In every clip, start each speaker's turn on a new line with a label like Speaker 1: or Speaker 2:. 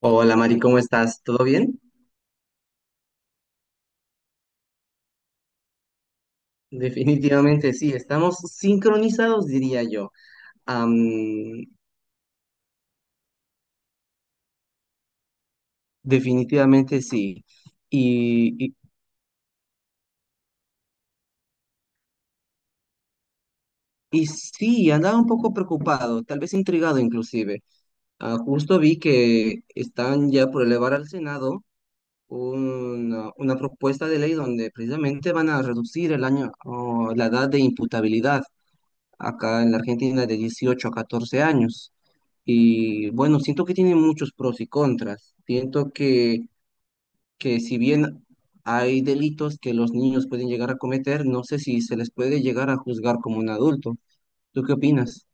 Speaker 1: Hola Mari, ¿cómo estás? ¿Todo bien? Definitivamente sí, estamos sincronizados, diría yo. Am, Definitivamente sí. Y, y- y sí, andaba un poco preocupado, tal vez intrigado inclusive. Ah, justo vi que están ya por elevar al Senado una propuesta de ley donde precisamente van a reducir el año, o la edad de imputabilidad acá en la Argentina de 18 a 14 años. Y bueno, siento que tiene muchos pros y contras. Siento que si bien hay delitos que los niños pueden llegar a cometer, no sé si se les puede llegar a juzgar como un adulto. ¿Tú qué opinas?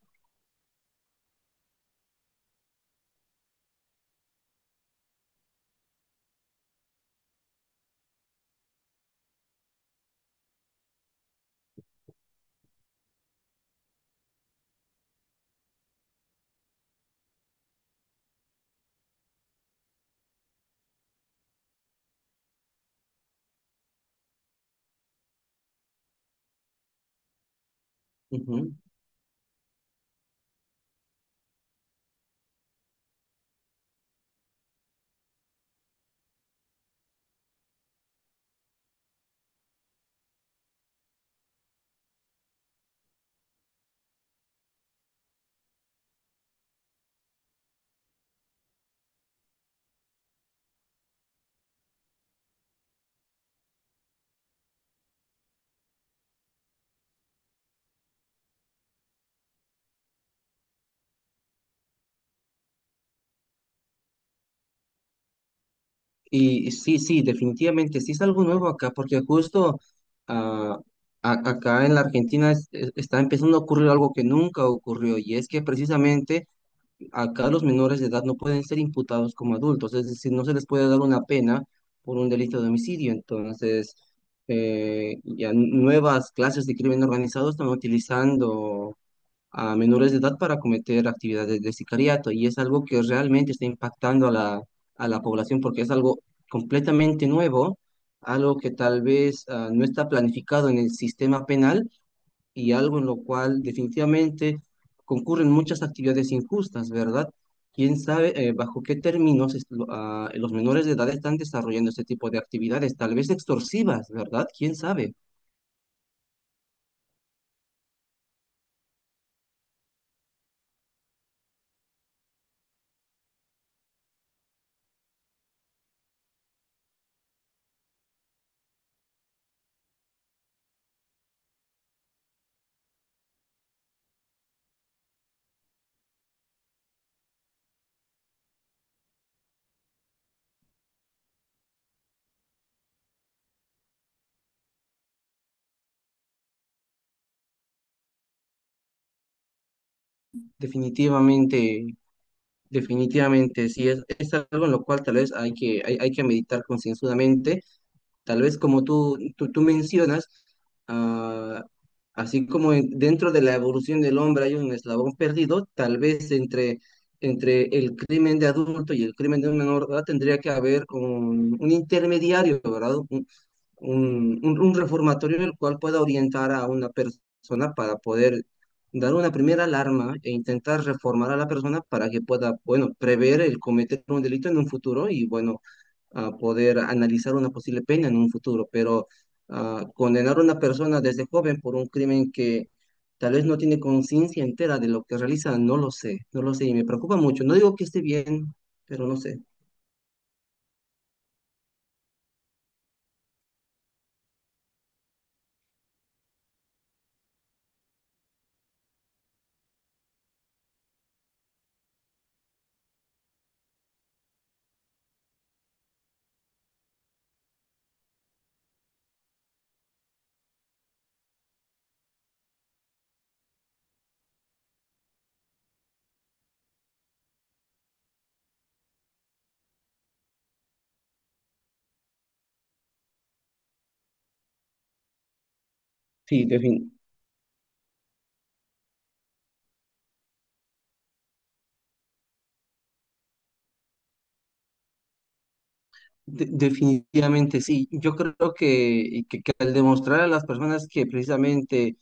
Speaker 1: Ujú. Y sí, sí, definitivamente, sí es algo nuevo acá, porque justo ah, acá en la Argentina está empezando a ocurrir algo que nunca ocurrió, y es que precisamente acá los menores de edad no pueden ser imputados como adultos, es decir, no se les puede dar una pena por un delito de homicidio. Entonces, ya nuevas clases de crimen organizado están utilizando a menores de edad para cometer actividades de sicariato y es algo que realmente está impactando a la población porque es algo completamente nuevo, algo que tal vez no está planificado en el sistema penal y algo en lo cual definitivamente concurren muchas actividades injustas, ¿verdad? ¿Quién sabe bajo qué términos los menores de edad están desarrollando este tipo de actividades? Tal vez extorsivas, ¿verdad? ¿Quién sabe? Definitivamente Definitivamente, sí, es algo en lo cual tal vez hay que meditar concienzudamente. Tal vez como tú mencionas, ah, así como dentro de la evolución del hombre hay un eslabón perdido, tal vez entre, entre el crimen de adulto y el crimen de un menor, ¿verdad? Tendría que haber un intermediario, ¿verdad? Un reformatorio en el cual pueda orientar a una persona para poder dar una primera alarma e intentar reformar a la persona para que pueda, bueno, prever el cometer un delito en un futuro y, bueno, poder analizar una posible pena en un futuro. Pero condenar a una persona desde joven por un crimen que tal vez no tiene conciencia entera de lo que realiza, no lo sé, no lo sé y me preocupa mucho. No digo que esté bien, pero no sé. Sí, definitivamente. Definitivamente sí. Yo creo que al demostrar a las personas que precisamente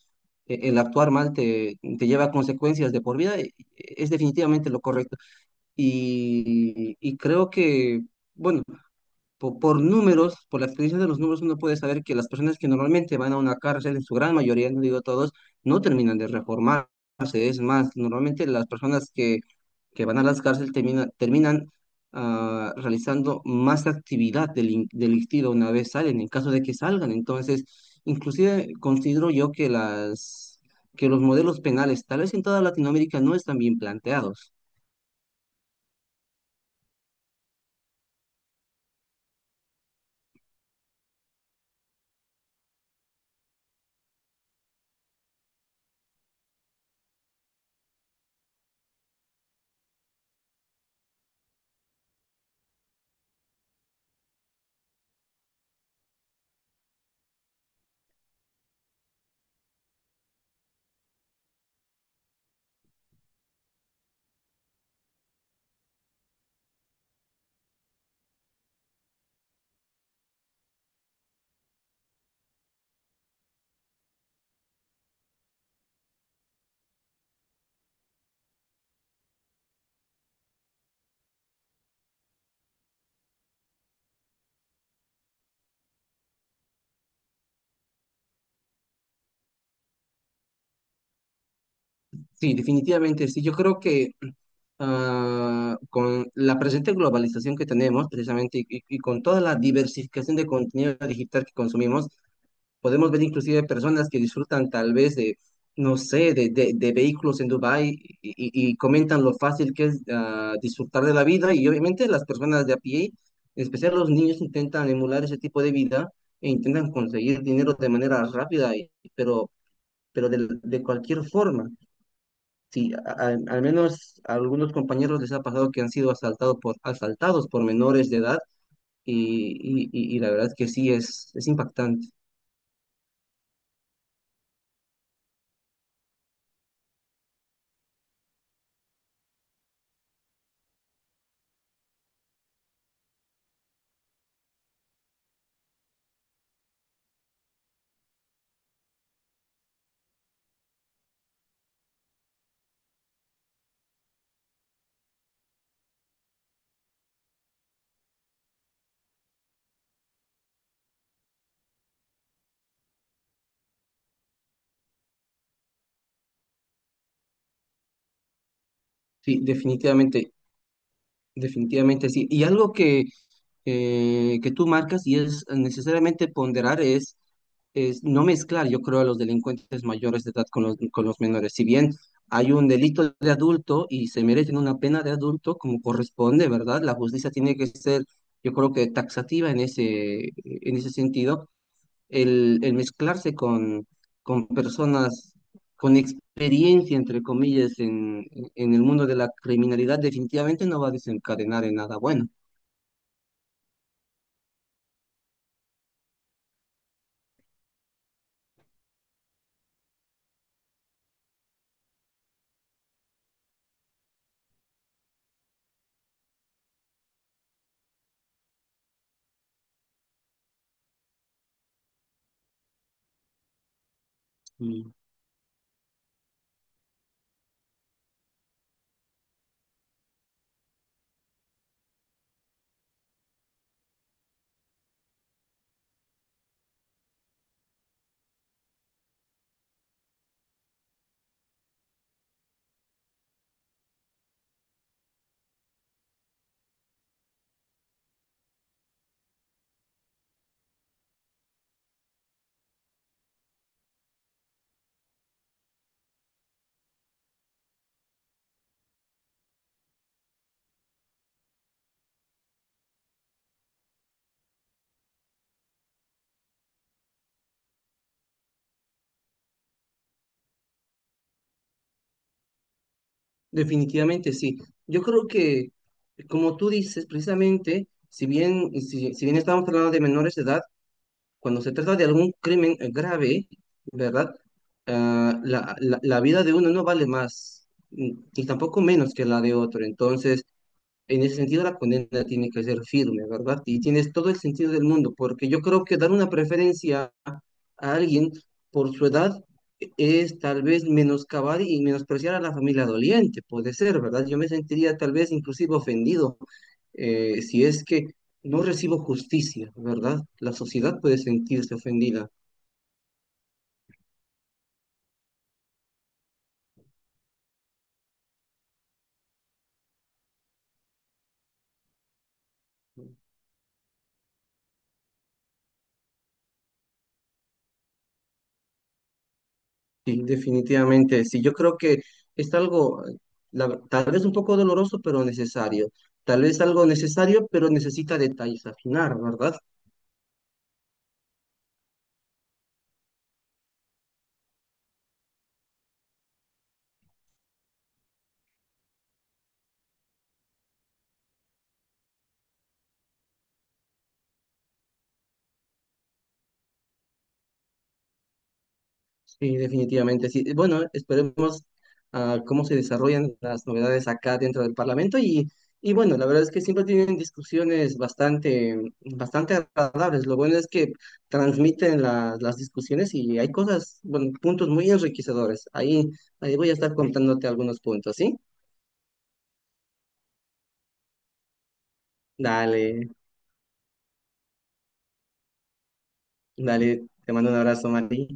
Speaker 1: el actuar mal te lleva a consecuencias de por vida, es definitivamente lo correcto. Y creo que, bueno, por números, por la experiencia de los números, uno puede saber que las personas que normalmente van a una cárcel, en su gran mayoría, no digo todos, no terminan de reformarse. Es más, normalmente las personas que van a las cárceles terminan realizando más actividad delictiva una vez salen, en caso de que salgan. Entonces, inclusive considero yo que que los modelos penales, tal vez en toda Latinoamérica, no están bien planteados. Sí, definitivamente, sí. Yo creo que con la presente globalización que tenemos, precisamente, y con toda la diversificación de contenido digital que consumimos, podemos ver inclusive personas que disfrutan tal vez no sé, de vehículos en Dubái y comentan lo fácil que es disfrutar de la vida. Y obviamente las personas de a pie, en especial los niños, intentan emular ese tipo de vida e intentan conseguir dinero de manera rápida, pero de cualquier forma. Sí, al menos a algunos compañeros les ha pasado que han sido asaltados por menores de edad y, y la verdad es que sí, es impactante. Sí, definitivamente, definitivamente sí. Y algo que tú marcas y es necesariamente ponderar es no mezclar, yo creo, a los delincuentes mayores de edad con los menores. Si bien hay un delito de adulto y se merecen una pena de adulto como corresponde, ¿verdad? La justicia tiene que ser, yo creo que taxativa en ese sentido. El mezclarse con personas con experiencia, entre comillas, en el mundo de la criminalidad, definitivamente no va a desencadenar en nada bueno. Mm, Definitivamente sí. Yo creo que, como tú dices, precisamente, si bien estamos hablando de menores de edad, cuando se trata de algún crimen grave, ¿verdad? Ah, la vida de uno no vale más, ni tampoco menos que la de otro. Entonces, en ese sentido, la condena tiene que ser firme, ¿verdad? Y tienes todo el sentido del mundo, porque yo creo que dar una preferencia a alguien por su edad es tal vez menoscabar y menospreciar a la familia doliente, puede ser, ¿verdad? Yo me sentiría tal vez inclusive ofendido si es que no recibo justicia, ¿verdad? La sociedad puede sentirse ofendida. Sí, definitivamente, sí, yo creo que es algo, tal vez un poco doloroso, pero necesario. Tal vez algo necesario, pero necesita detalles afinar, ¿verdad? Sí, definitivamente, sí. Bueno, esperemos cómo se desarrollan las novedades acá dentro del Parlamento y bueno, la verdad es que siempre tienen discusiones bastante, bastante agradables. Lo bueno es que transmiten las discusiones y hay cosas, bueno, puntos muy enriquecedores. Ahí, voy a estar contándote algunos puntos, ¿sí? Dale. Dale, te mando un abrazo, Mati.